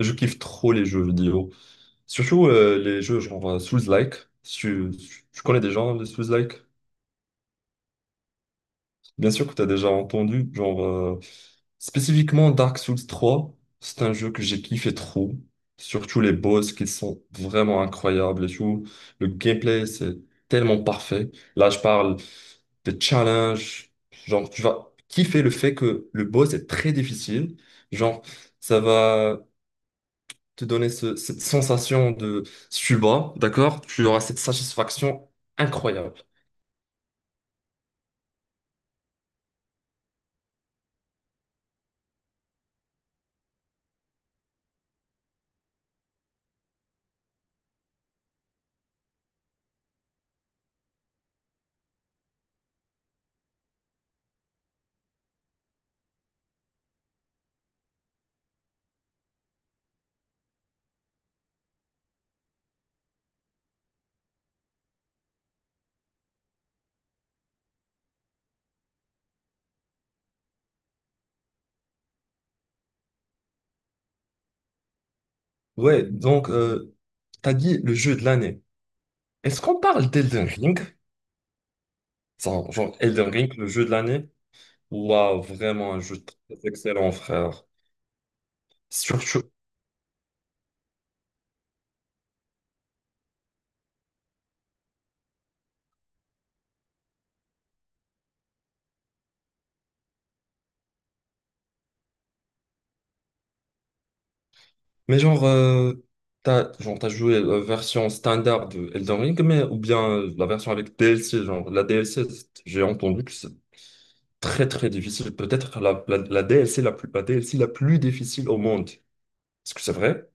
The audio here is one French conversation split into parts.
Je kiffe trop les jeux vidéo. Surtout les jeux genre Souls-like. Si tu connais des gens, les Souls-like? Bien sûr que tu as déjà entendu. Genre, spécifiquement Dark Souls 3, c'est un jeu que j'ai kiffé trop. Surtout les boss qui sont vraiment incroyables et tout. Le gameplay, c'est tellement parfait. Là, je parle des challenges. Genre, tu vas kiffer le fait que le boss est très difficile. Genre, ça va te donner cette sensation de si tu bats, d'accord? Tu auras cette satisfaction incroyable. Ouais, donc, t'as dit le jeu de l'année. Est-ce qu'on parle d'Elden Ring? Ça, genre, Elden Ring, le jeu de l'année? Waouh, vraiment un jeu très excellent, frère. Surtout. Mais genre, t'as joué la version standard de Elden Ring, mais, ou bien la version avec DLC, genre, la DLC, j'ai entendu que très, très difficile. Peut-être la DLC la plus, la DLC la plus difficile au monde. Est-ce que c'est vrai?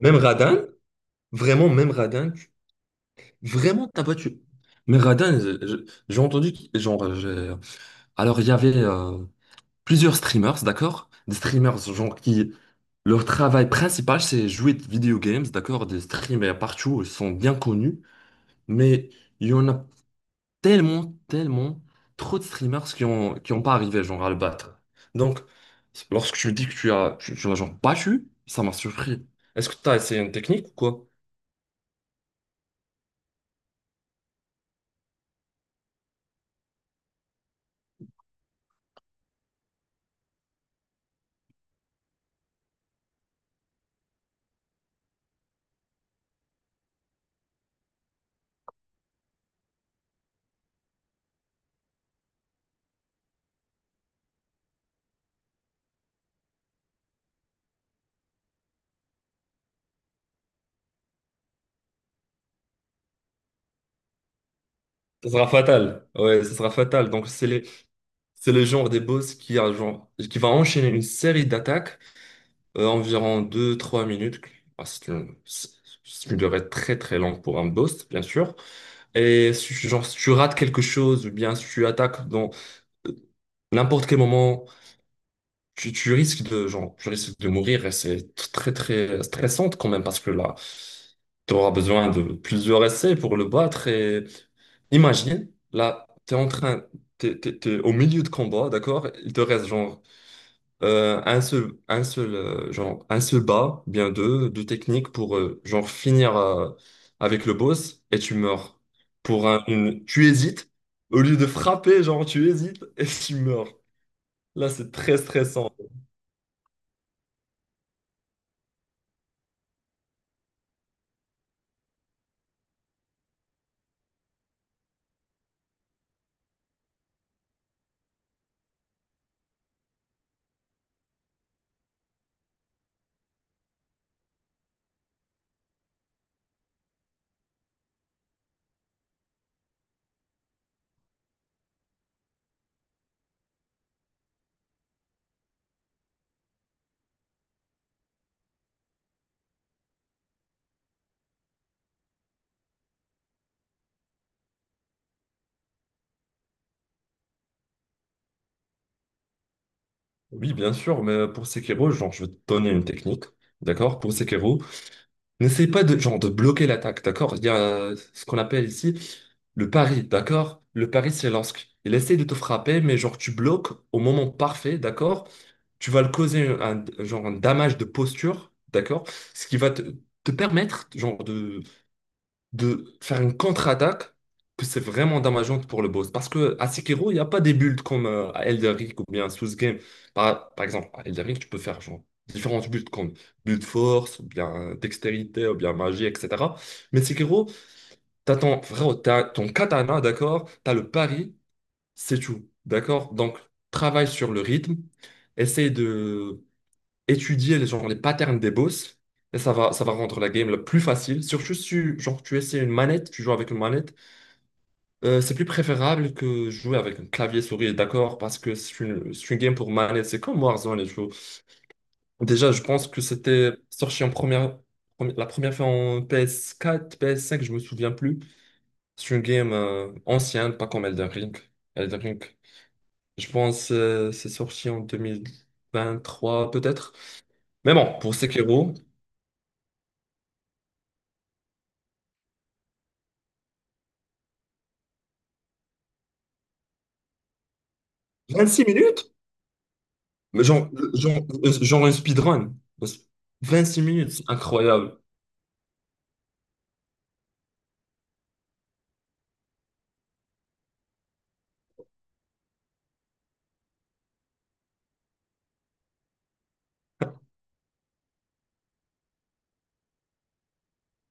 Même Radin? Vraiment, même Radin? Vraiment, t'as pas tué. Mais Radin, j'ai entendu, genre, alors il y avait plusieurs streamers, d'accord? Des streamers, genre, qui, leur travail principal, c'est jouer de video games, d'accord? Des streamers partout, ils sont bien connus, mais il y en a tellement, tellement trop de streamers qui ont pas arrivé genre à le battre. Donc, lorsque tu me dis que tu l'as genre battu, ça m'a surpris. Est-ce que tu as essayé une technique ou quoi? Ça sera fatal. Ouais, ça sera fatal. Donc, c'est le genre des boss qui va enchaîner une série d'attaques, environ deux trois minutes. Ah, c'est une durée très très longue pour un boss, bien sûr. Et si, genre, si tu rates quelque chose, ou bien si tu attaques dans euh, n'importe quel moment, tu risques de mourir et c'est très, très stressant quand même parce que là, tu auras besoin de plusieurs essais pour le battre et imagine, là, tu es en train, t'es, t'es- t'es au milieu de combat, d'accord? Il te reste genre un seul, genre, un seul bas, bien deux techniques pour genre finir avec le boss et tu meurs. Tu hésites, au lieu de frapper, genre, tu hésites et tu meurs. Là, c'est très stressant. Oui, bien sûr, mais pour Sekiro, genre, je vais te donner une technique, d'accord? Pour Sekiro, n'essaie pas genre, de bloquer l'attaque, d'accord? Il y a ce qu'on appelle ici le pari, d'accord? Le pari, c'est lorsque il essaie de te frapper, mais genre, tu bloques au moment parfait, d'accord? Tu vas le causer genre, un damage de posture, d'accord? Ce qui va te permettre, genre, de faire une contre-attaque que c'est vraiment dommageante pour le boss. Parce que à Sekiro, il n'y a pas des builds comme à Elden Ring ou bien à Souls Game. Par exemple, à Elden Ring, tu peux faire genre, différentes builds comme build force, ou bien dextérité, ou bien magie, etc. Mais Sekiro, frérot, t'as ton katana, d'accord? T'as le pari, c'est tout, d'accord? Donc, travaille sur le rythme, essaye de étudier genre, les patterns des boss. Et ça va rendre la game la plus facile. Surtout si genre, tu joues avec une manette, c'est plus préférable que jouer avec un clavier souris, d'accord? Parce que c'est une game pour manette. C'est comme Warzone et tout. Déjà, je pense que c'était sorti la première fois en PS4, PS5, je me souviens plus. C'est une game ancienne, pas comme Elden Ring. Elden Ring, je pense c'est sorti en 2023 peut-être. Mais bon, pour Sekiro, 26 minutes? Mais genre, genre un speedrun. 26 minutes, c'est incroyable.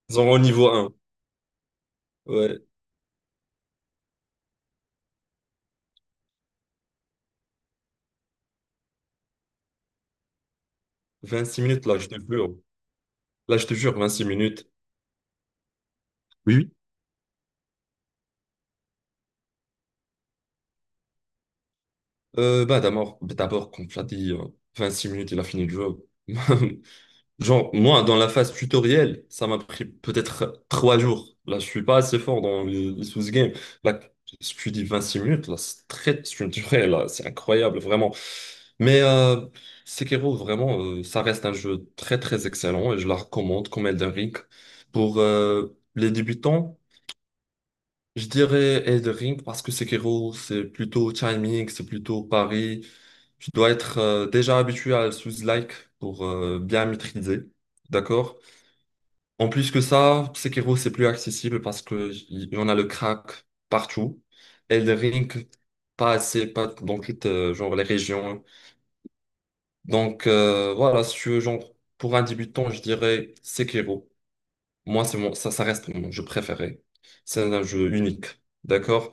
Genre au niveau un. Ouais, 26 minutes, là, je te jure. Là, je te jure, 26 minutes. Oui, oui. Bah, d'abord, comme tu l'as dit, 26 minutes, il a fini le jeu. Genre, moi, dans la phase tutoriel, ça m'a pris peut-être 3 jours. Là, je suis pas assez fort dans les sous games. Là, ce que tu dis 6 minutes, là, c'est très structuré, là, c'est incroyable, vraiment. Mais Sekiro, vraiment, ça reste un jeu très, très excellent et je la recommande comme Elden Ring. Pour les débutants, je dirais Elden Ring parce que Sekiro, c'est plutôt timing, c'est plutôt pari. Tu dois être déjà habitué à sous-like pour bien maîtriser. D'accord? En plus que ça, Sekiro, c'est plus accessible parce que y en a le crack partout. Elden Ring, pas assez, pas dans toutes genre, les régions. Donc voilà, si tu veux, genre, pour un débutant, je dirais Sekiro. Moi, ça reste mon jeu préféré. C'est un jeu unique. D'accord?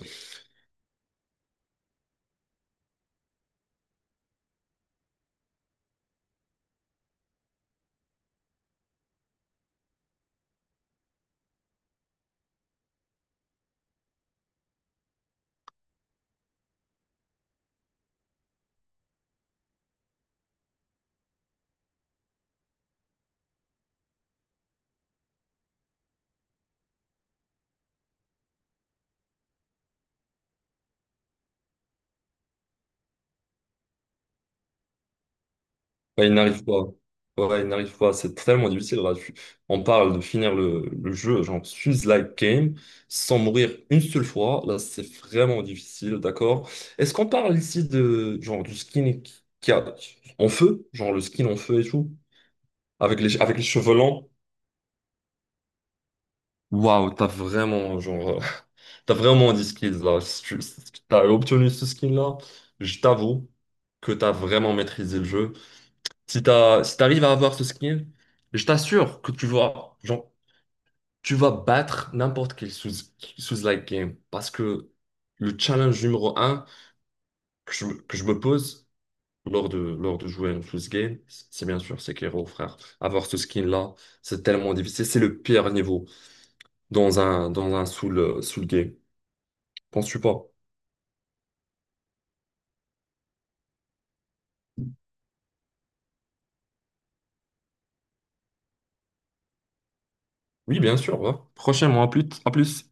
Ouais, il n'arrive pas. Ouais, il n'arrive pas. C'est tellement difficile. Là. On parle de finir le jeu, genre fuse like game, sans mourir une seule fois. Là, c'est vraiment difficile, d'accord? Est-ce qu'on parle ici de genre du skin qui a en feu, genre le skin en feu et tout, avec les cheveux longs? Waouh, t'as vraiment genre t'as vraiment des skills là. Si tu- si T'as obtenu ce skin là. Je t'avoue que t'as vraiment maîtrisé le jeu. Si t'arrives à avoir ce skill, je t'assure que tu vas battre n'importe quel sous like game. Parce que le challenge numéro un que je me pose lors de jouer un sous game, c'est bien sûr Sekiro, frère. Avoir ce skin-là, c'est tellement difficile. C'est le pire niveau dans un soul game. Penses-tu pas? Oui, bien sûr. Ouais. Prochainement, à plus, à plus.